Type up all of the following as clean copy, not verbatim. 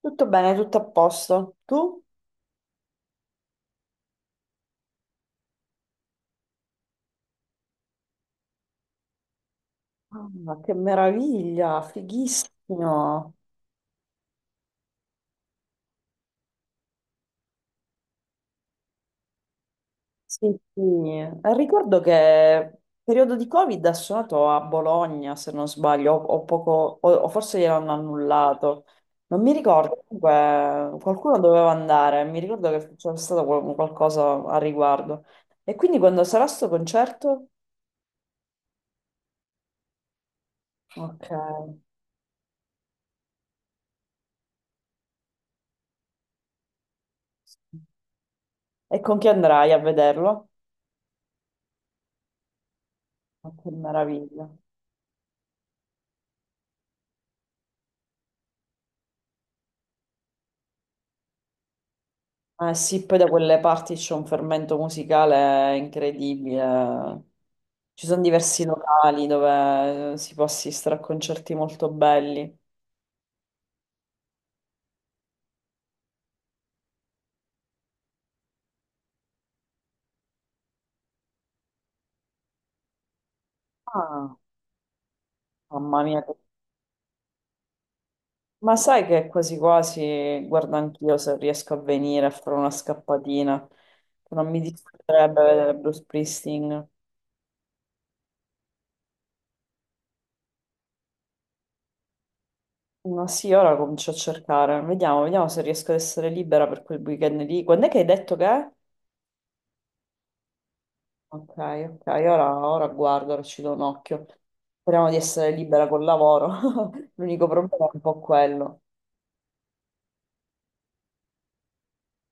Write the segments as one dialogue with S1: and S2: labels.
S1: Tutto bene, tutto a posto. Tu? Ah, che meraviglia, fighissimo. Sì, sì. Ricordo che periodo di Covid ha suonato a Bologna, se non sbaglio, o poco, o forse gliel'hanno annullato. Non mi ricordo, comunque qualcuno doveva andare, mi ricordo che c'era stato qualcosa a riguardo. E quindi quando sarà sto concerto? Ok. E con chi andrai a vederlo? Oh, che meraviglia. Eh sì, poi da quelle parti c'è un fermento musicale incredibile. Ci sono diversi locali dove si può assistere a concerti molto belli. Ah, mamma mia, ma sai che quasi quasi guardo anch'io se riesco a venire a fare una scappatina. Non mi dispiacerebbe vedere Bruce Springsteen. Ma sì, ora comincio a cercare. Vediamo, vediamo se riesco ad essere libera per quel weekend lì. Quando è che hai detto che è? Ok, ok, ora, ora guardo, ora ci do un occhio. Speriamo di essere libera col lavoro. L'unico problema è un po' quello.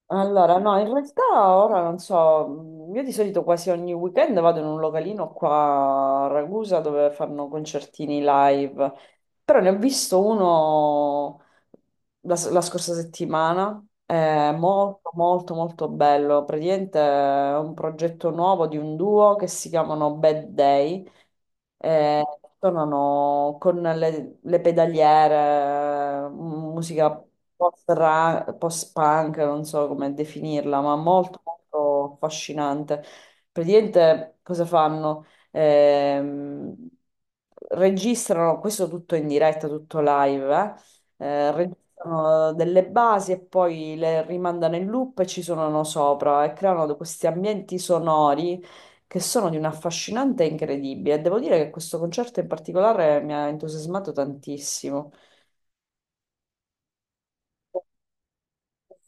S1: Allora, no, in realtà ora non so, io di solito quasi ogni weekend vado in un localino qua a Ragusa dove fanno concertini live, però ne ho visto uno la scorsa settimana, è molto molto molto bello, praticamente è un progetto nuovo di un duo che si chiamano Bad Day. Eh, tornano con le pedaliere, musica post-punk, non so come definirla, ma molto, molto affascinante. Praticamente cosa fanno? Ehm, registrano questo tutto in diretta, tutto live, registrano delle basi e poi le rimandano in loop e ci suonano sopra e creano questi ambienti sonori che sono di un affascinante e incredibile. Devo dire che questo concerto in particolare mi ha entusiasmato tantissimo.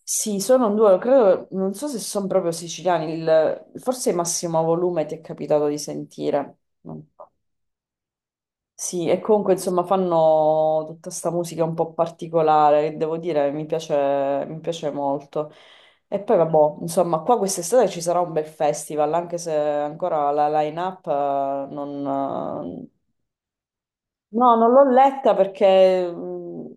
S1: Sì, sono un duo, credo, non so se sono proprio siciliani, forse Massimo Volume ti è capitato di sentire. So. Sì, e comunque insomma fanno tutta sta musica un po' particolare, che devo dire mi piace molto. E poi vabbè, insomma, qua quest'estate ci sarà un bel festival, anche se ancora la line-up non, no, non l'ho letta perché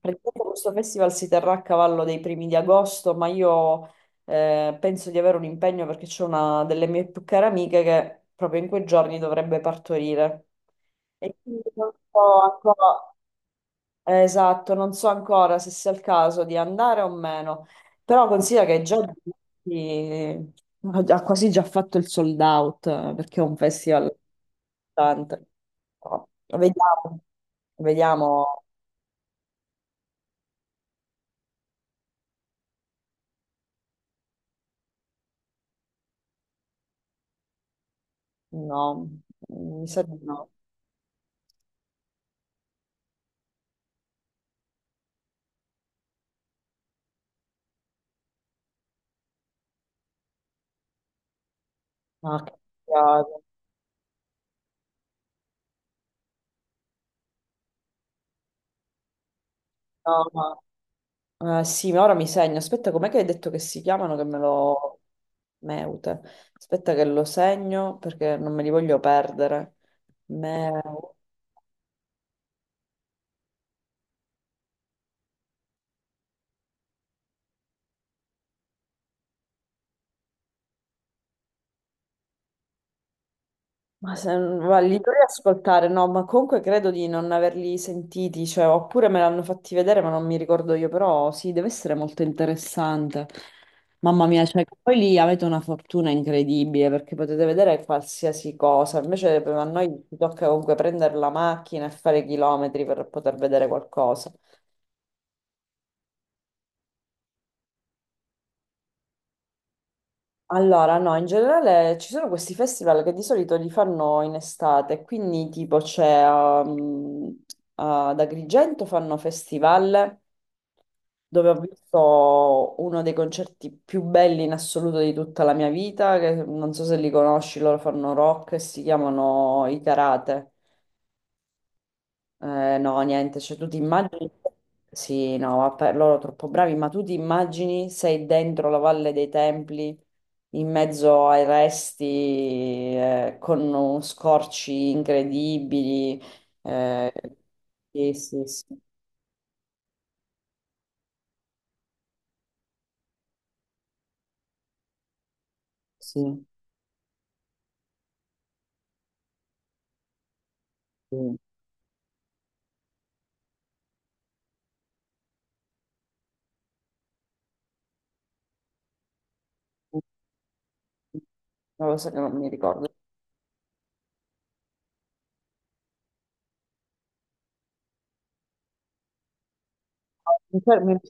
S1: praticamente questo festival si terrà a cavallo dei primi di agosto, ma io penso di avere un impegno perché c'è una delle mie più care amiche che proprio in quei giorni dovrebbe partorire. E quindi non so ancora, esatto, non so ancora se sia il caso di andare o meno, però considera che già eh, ha quasi già fatto il sold out perché è un festival tanto. No. Vediamo, vediamo. No, mi sa di no. Ma che cavolo. No, sì, ma ora mi segno. Aspetta, com'è che hai detto che si chiamano che me lo... Meute. Aspetta che lo segno perché non me li voglio perdere. Meute. Ma se, ma li dovrei ascoltare, no, ma comunque credo di non averli sentiti, cioè, oppure me l'hanno fatti vedere, ma non mi ricordo io, però sì, deve essere molto interessante. Mamma mia, cioè, poi lì avete una fortuna incredibile perché potete vedere qualsiasi cosa, invece a noi ci tocca comunque prendere la macchina e fare chilometri per poter vedere qualcosa. Allora, no, in generale ci sono questi festival che di solito li fanno in estate, quindi tipo c'è ad Agrigento fanno festival dove ho visto uno dei concerti più belli in assoluto di tutta la mia vita, che non so se li conosci, loro fanno rock e si chiamano i Karate. No, niente, cioè tu ti immagini, sì, no, vabbè, loro troppo bravi, ma tu ti immagini sei dentro la Valle dei Templi, in mezzo ai resti, con scorci incredibili, eh, sì, sì, sì, sì, sì. Non lo so che non mi ricordo. Mi fermo.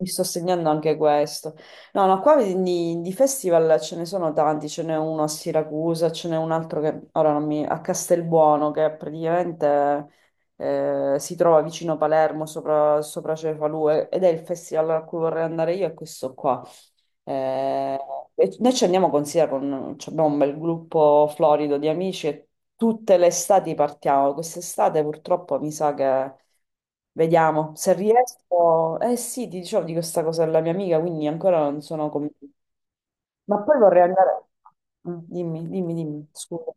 S1: Mi sto segnando anche questo. No, no, qua di festival ce ne sono tanti, ce n'è uno a Siracusa, ce n'è un altro che ora non mi... a Castelbuono, che praticamente si trova vicino Palermo, sopra, sopra Cefalù, ed è il festival a cui vorrei andare io, è questo qua. Eh, e noi ci andiamo, considera, con, ci abbiamo un bel gruppo florido di amici e tutte le estati partiamo. Quest'estate purtroppo mi sa che vediamo se riesco. Eh sì, ti dicevo di questa cosa della mia amica, quindi ancora non sono convinta. Ma poi vorrei andare. Mm, dimmi, dimmi, dimmi, scusa.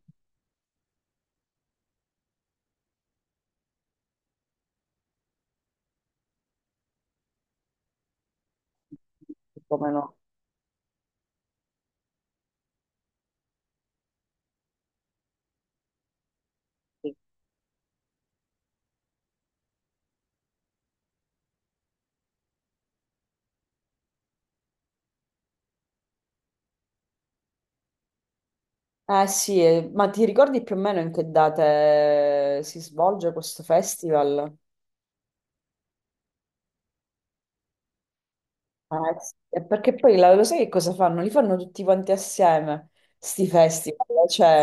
S1: Come no? Sì. Eh sì, ma ti ricordi più o meno in che date si svolge questo festival? Ah, eh sì, e perché poi lo sai che cosa fanno? Li fanno tutti quanti assieme, sti festival, cioè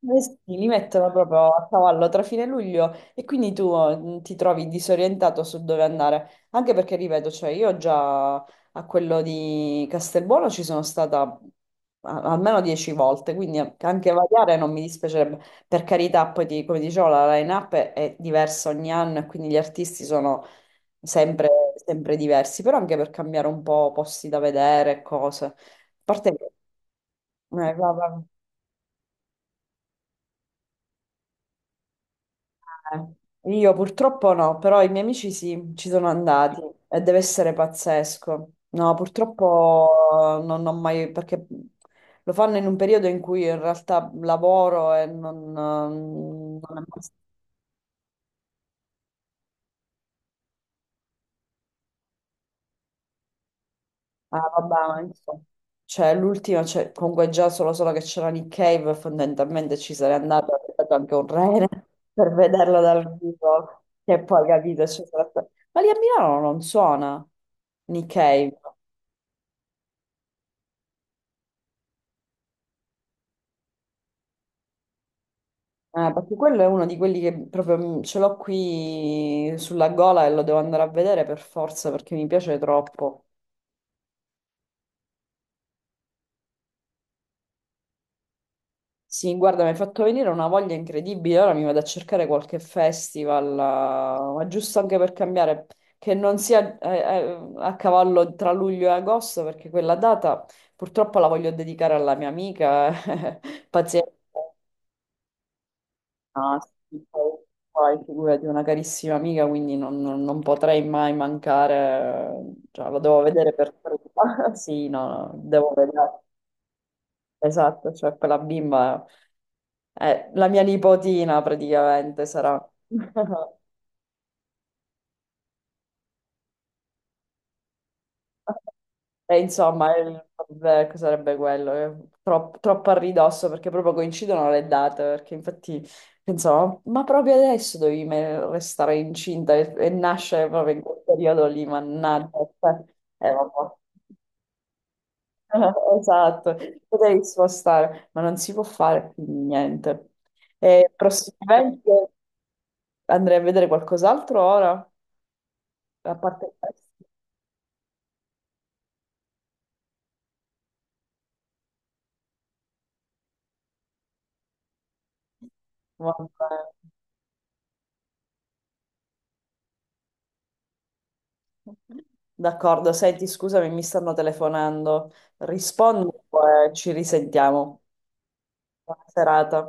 S1: eh sì, li mettono proprio a cavallo tra fine luglio e quindi tu ti trovi disorientato su dove andare, anche perché, ripeto, cioè io già a quello di Castelbuono ci sono stata almeno 10 volte, quindi anche variare non mi dispiacerebbe. Per carità, poi come dicevo, la line-up è diversa ogni anno e quindi gli artisti sono sempre, sempre diversi, però anche per cambiare un po' posti da vedere, e cose. A parte che eh, va- va- eh. Io purtroppo no, però i miei amici sì, ci sono andati e deve essere pazzesco. No, purtroppo non ho mai, perché lo fanno in un periodo in cui in realtà lavoro e non, non è mai. Ah, vabbè, ma insomma. Cioè, l'ultima, cioè, comunque già solo, solo che c'era Nick Cave, fondamentalmente ci sarei andata, avrei dato anche un rene per vederlo dal vivo, che poi capito, ci sarà stato... Ma lì a Milano non suona Nick Cave. Perché quello è uno di quelli che proprio mm, ce l'ho qui sulla gola e lo devo andare a vedere per forza perché mi piace troppo. Sì, guarda, mi hai fatto venire una voglia incredibile. Ora mi vado a cercare qualche festival, ma giusto anche per cambiare, che non sia a cavallo tra luglio e agosto, perché quella data purtroppo la voglio dedicare alla mia amica. Pazienza, ah, sì, poi figurati, una carissima amica, quindi non, non potrei mai mancare. Eh, cioè, la devo vedere per prima. Sì, no, no, devo vedere. Esatto, cioè quella bimba è la mia nipotina praticamente sarà. E insomma, vabbè, che sarebbe quello? Troppo a ridosso perché proprio coincidono le date, perché infatti pensavo, ma proprio adesso dovevi restare incinta e nascere proprio in quel periodo lì, mannaggia. Cioè, vabbè. Esatto, potevi spostare, ma non si può fare quindi niente. E prossimamente... Andrei a vedere qualcos'altro ora, a parte questo. Vabbè. D'accordo, senti, scusami, mi stanno telefonando. Rispondi e ci risentiamo. Buona serata.